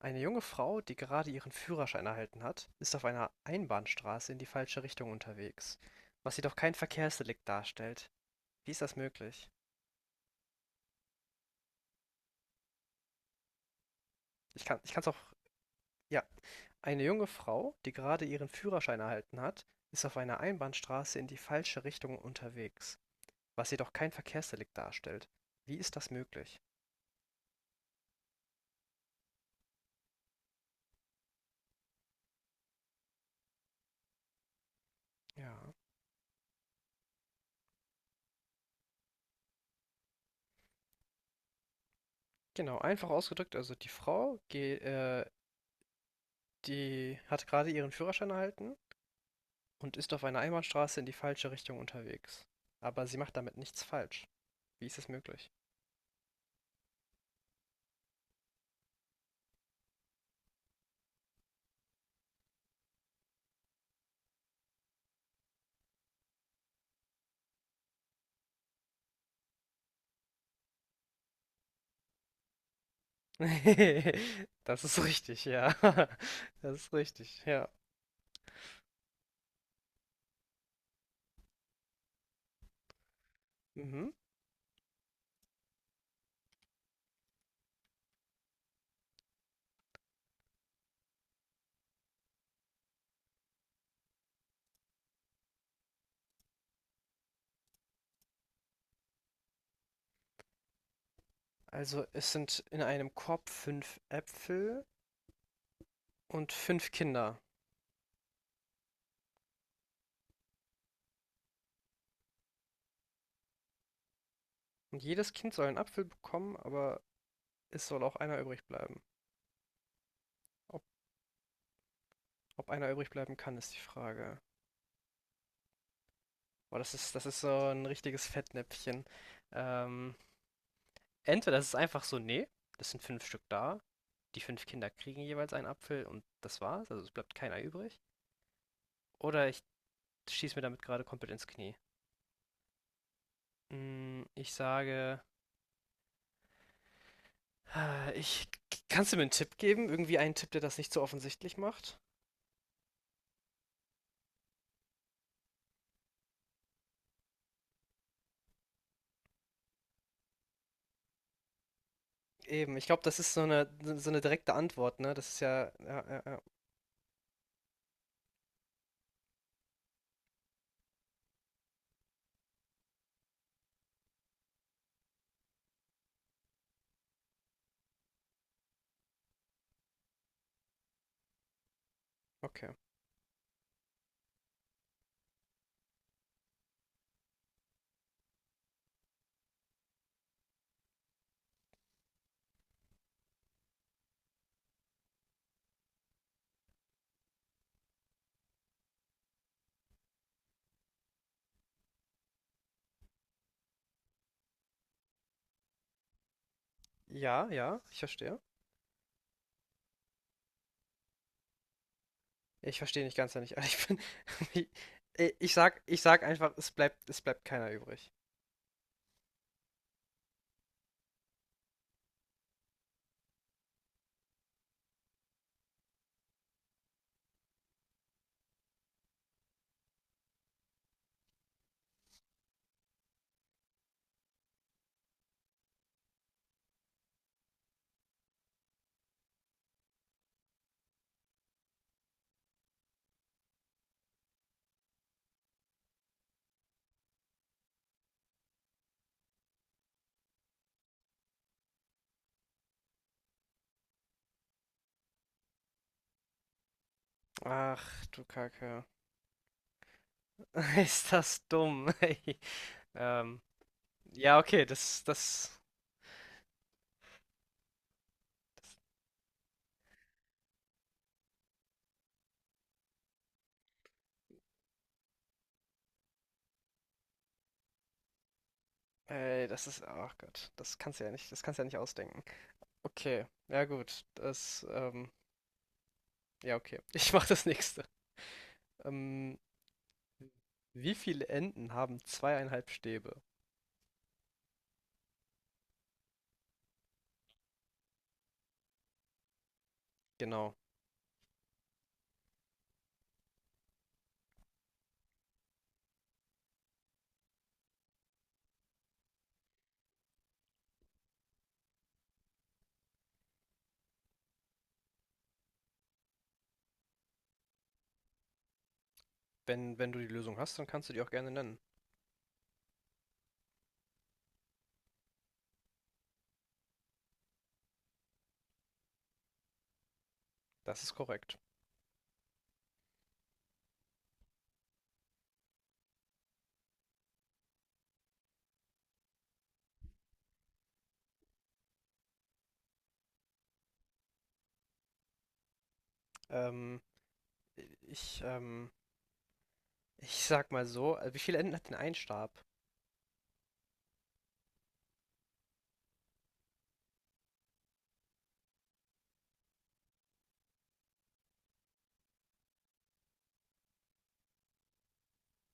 Eine junge Frau, die gerade ihren Führerschein erhalten hat, ist auf einer Einbahnstraße in die falsche Richtung unterwegs, was jedoch kein Verkehrsdelikt darstellt. Wie ist das möglich? Ich kann's auch, ja. Eine junge Frau, die gerade ihren Führerschein erhalten hat, ist auf einer Einbahnstraße in die falsche Richtung unterwegs, was jedoch kein Verkehrsdelikt darstellt. Wie ist das möglich? Ja. Genau, einfach ausgedrückt, also die Frau, die hat gerade ihren Führerschein erhalten und ist auf einer Einbahnstraße in die falsche Richtung unterwegs. Aber sie macht damit nichts falsch. Wie ist es möglich? Das ist richtig, ja. Das ist richtig, ja. Mhm. Also es sind in einem Korb fünf Äpfel und fünf Kinder. Und jedes Kind soll einen Apfel bekommen, aber es soll auch einer übrig bleiben. Ob, ob einer übrig bleiben kann, ist die Frage. Boah, das ist so ein richtiges Fettnäpfchen. Ähm, Entweder das ist einfach so, nee, das sind fünf Stück da. Die fünf Kinder kriegen jeweils einen Apfel und das war's, also es bleibt keiner übrig. Oder ich schieße mir damit gerade komplett ins Knie. Mm, Ich sage, äh, ich, kannst du mir einen Tipp geben? Irgendwie einen Tipp, der das nicht so offensichtlich macht? Eben, ich glaube, das ist so eine direkte Antwort, ne? Das ist ja, ja, ja, ja, okay. Ja, ja, ich verstehe. Ich verstehe nicht ganz, wenn ich ehrlich bin. Ich sag einfach, es bleibt keiner übrig. Ach, du Kacke. Ist das dumm, ey. Ähm, Ja, okay, das, das ist, ach Gott, das kannst du ja nicht, das kannst du ja nicht ausdenken. Okay, ja gut, ja okay, ich mach das nächste. Ähm, Wie viele Enden haben zweieinhalb Stäbe? Genau, wenn du die Lösung hast, dann kannst du die auch gerne nennen. Das ist korrekt. Ähm, ich, ähm, ich sag mal so, wie viele Enden hat denn ein Stab?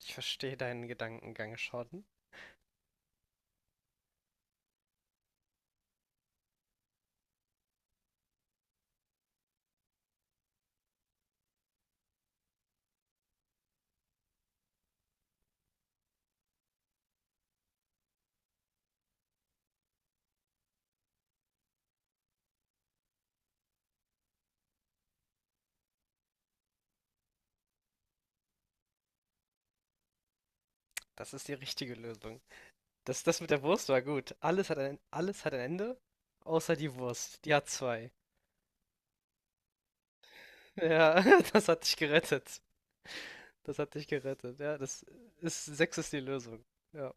Ich verstehe deinen Gedankengang schon. Das ist die richtige Lösung. Das mit der Wurst war gut. Alles hat ein Ende, außer die Wurst. Die hat zwei. Ja, das hat dich gerettet. Das hat dich gerettet. Ja, sechs ist die Lösung. Ja.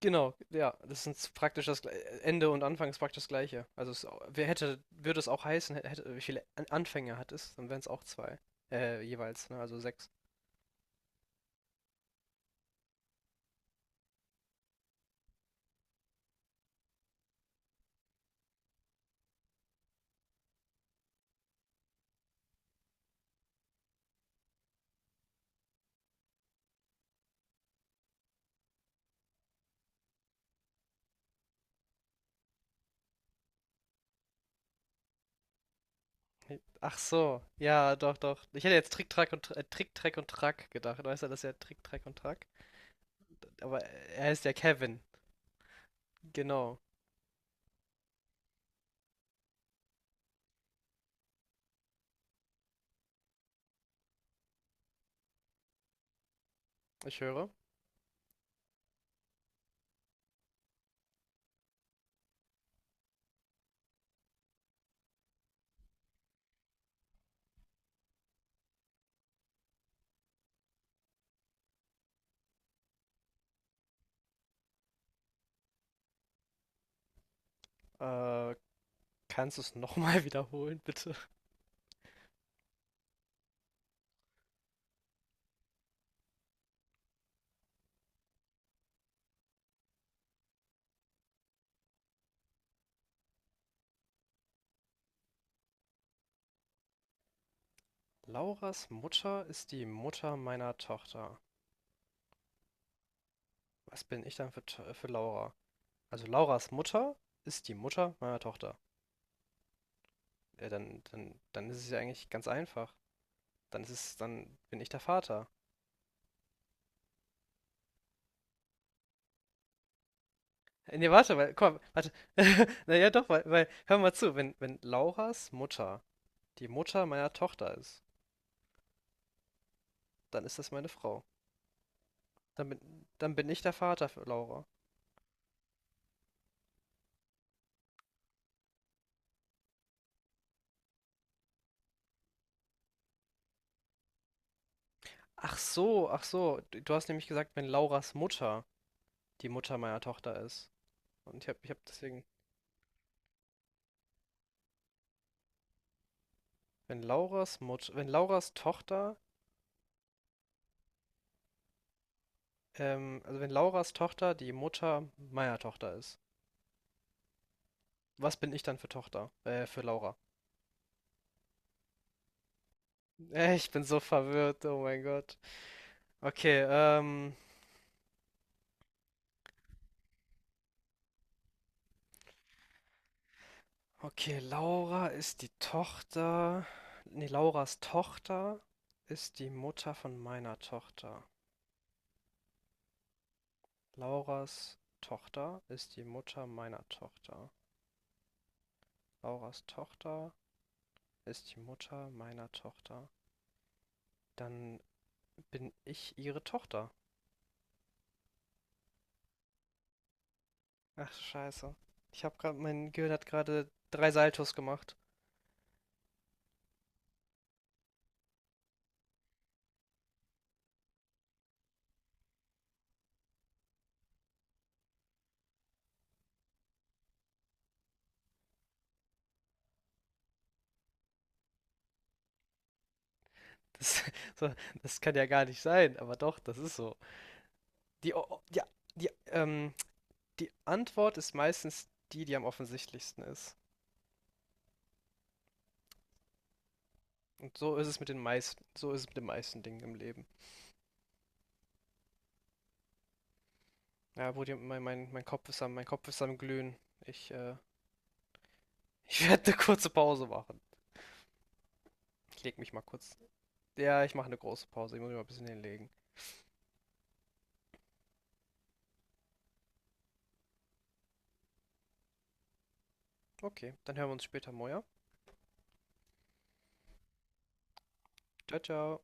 Genau, ja, das sind praktisch das Gle- Ende und Anfang ist praktisch das Gleiche. Also wer hätte, würde es auch heißen, hätte, wie viele Anfänger hat es, dann wären es auch zwei. Jeweils, ne? Also sechs. Ach so, ja, doch, doch. Ich hätte jetzt Trick, Track und Trick, Track und Track gedacht. Weißt du, das ist ja Trick, Track und Track. Aber er ist ja Kevin. Genau, ich höre. Äh, Kannst du es nochmal wiederholen, bitte? Lauras Mutter ist die Mutter meiner Tochter. Was bin ich dann für Laura? Also Lauras Mutter ist die Mutter meiner Tochter. Ja, dann ist es ja eigentlich ganz einfach. Dann bin ich der Vater. Nee, warte, komm, warte. Naja, doch, weil, hör mal zu, wenn Lauras Mutter die Mutter meiner Tochter ist, dann ist das meine Frau. Dann bin ich der Vater für Laura. Ach so, ach so. Du hast nämlich gesagt, wenn Lauras Mutter die Mutter meiner Tochter ist. Und ich hab deswegen, wenn Lauras Mutter, wenn Lauras Tochter, also wenn Lauras Tochter die Mutter meiner Tochter ist. Was bin ich dann für Tochter? Für Laura. Ich bin so verwirrt, oh mein Gott. Okay, okay, Laura ist die Tochter. Nee, Lauras Tochter ist die Mutter von meiner Tochter. Lauras Tochter ist die Mutter meiner Tochter. Lauras Tochter ist die Mutter meiner Tochter. Dann bin ich ihre Tochter. Ach, scheiße. Mein Gehirn hat gerade drei Saltos gemacht. Das, so, das kann ja gar nicht sein, aber doch, das ist so. Die, o- o- die, die, ähm, die Antwort ist meistens die, die am offensichtlichsten ist. Und so ist es mit den meisten Dingen im Leben. Ja, wo die, mein Kopf ist am, mein Kopf ist am Glühen. Ich, äh, Ich werde eine kurze Pause machen. Ich leg mich mal kurz. Ja, ich mache eine große Pause. Ich muss mich mal ein bisschen hinlegen. Okay, dann hören wir uns später, Moja. Ciao, ciao.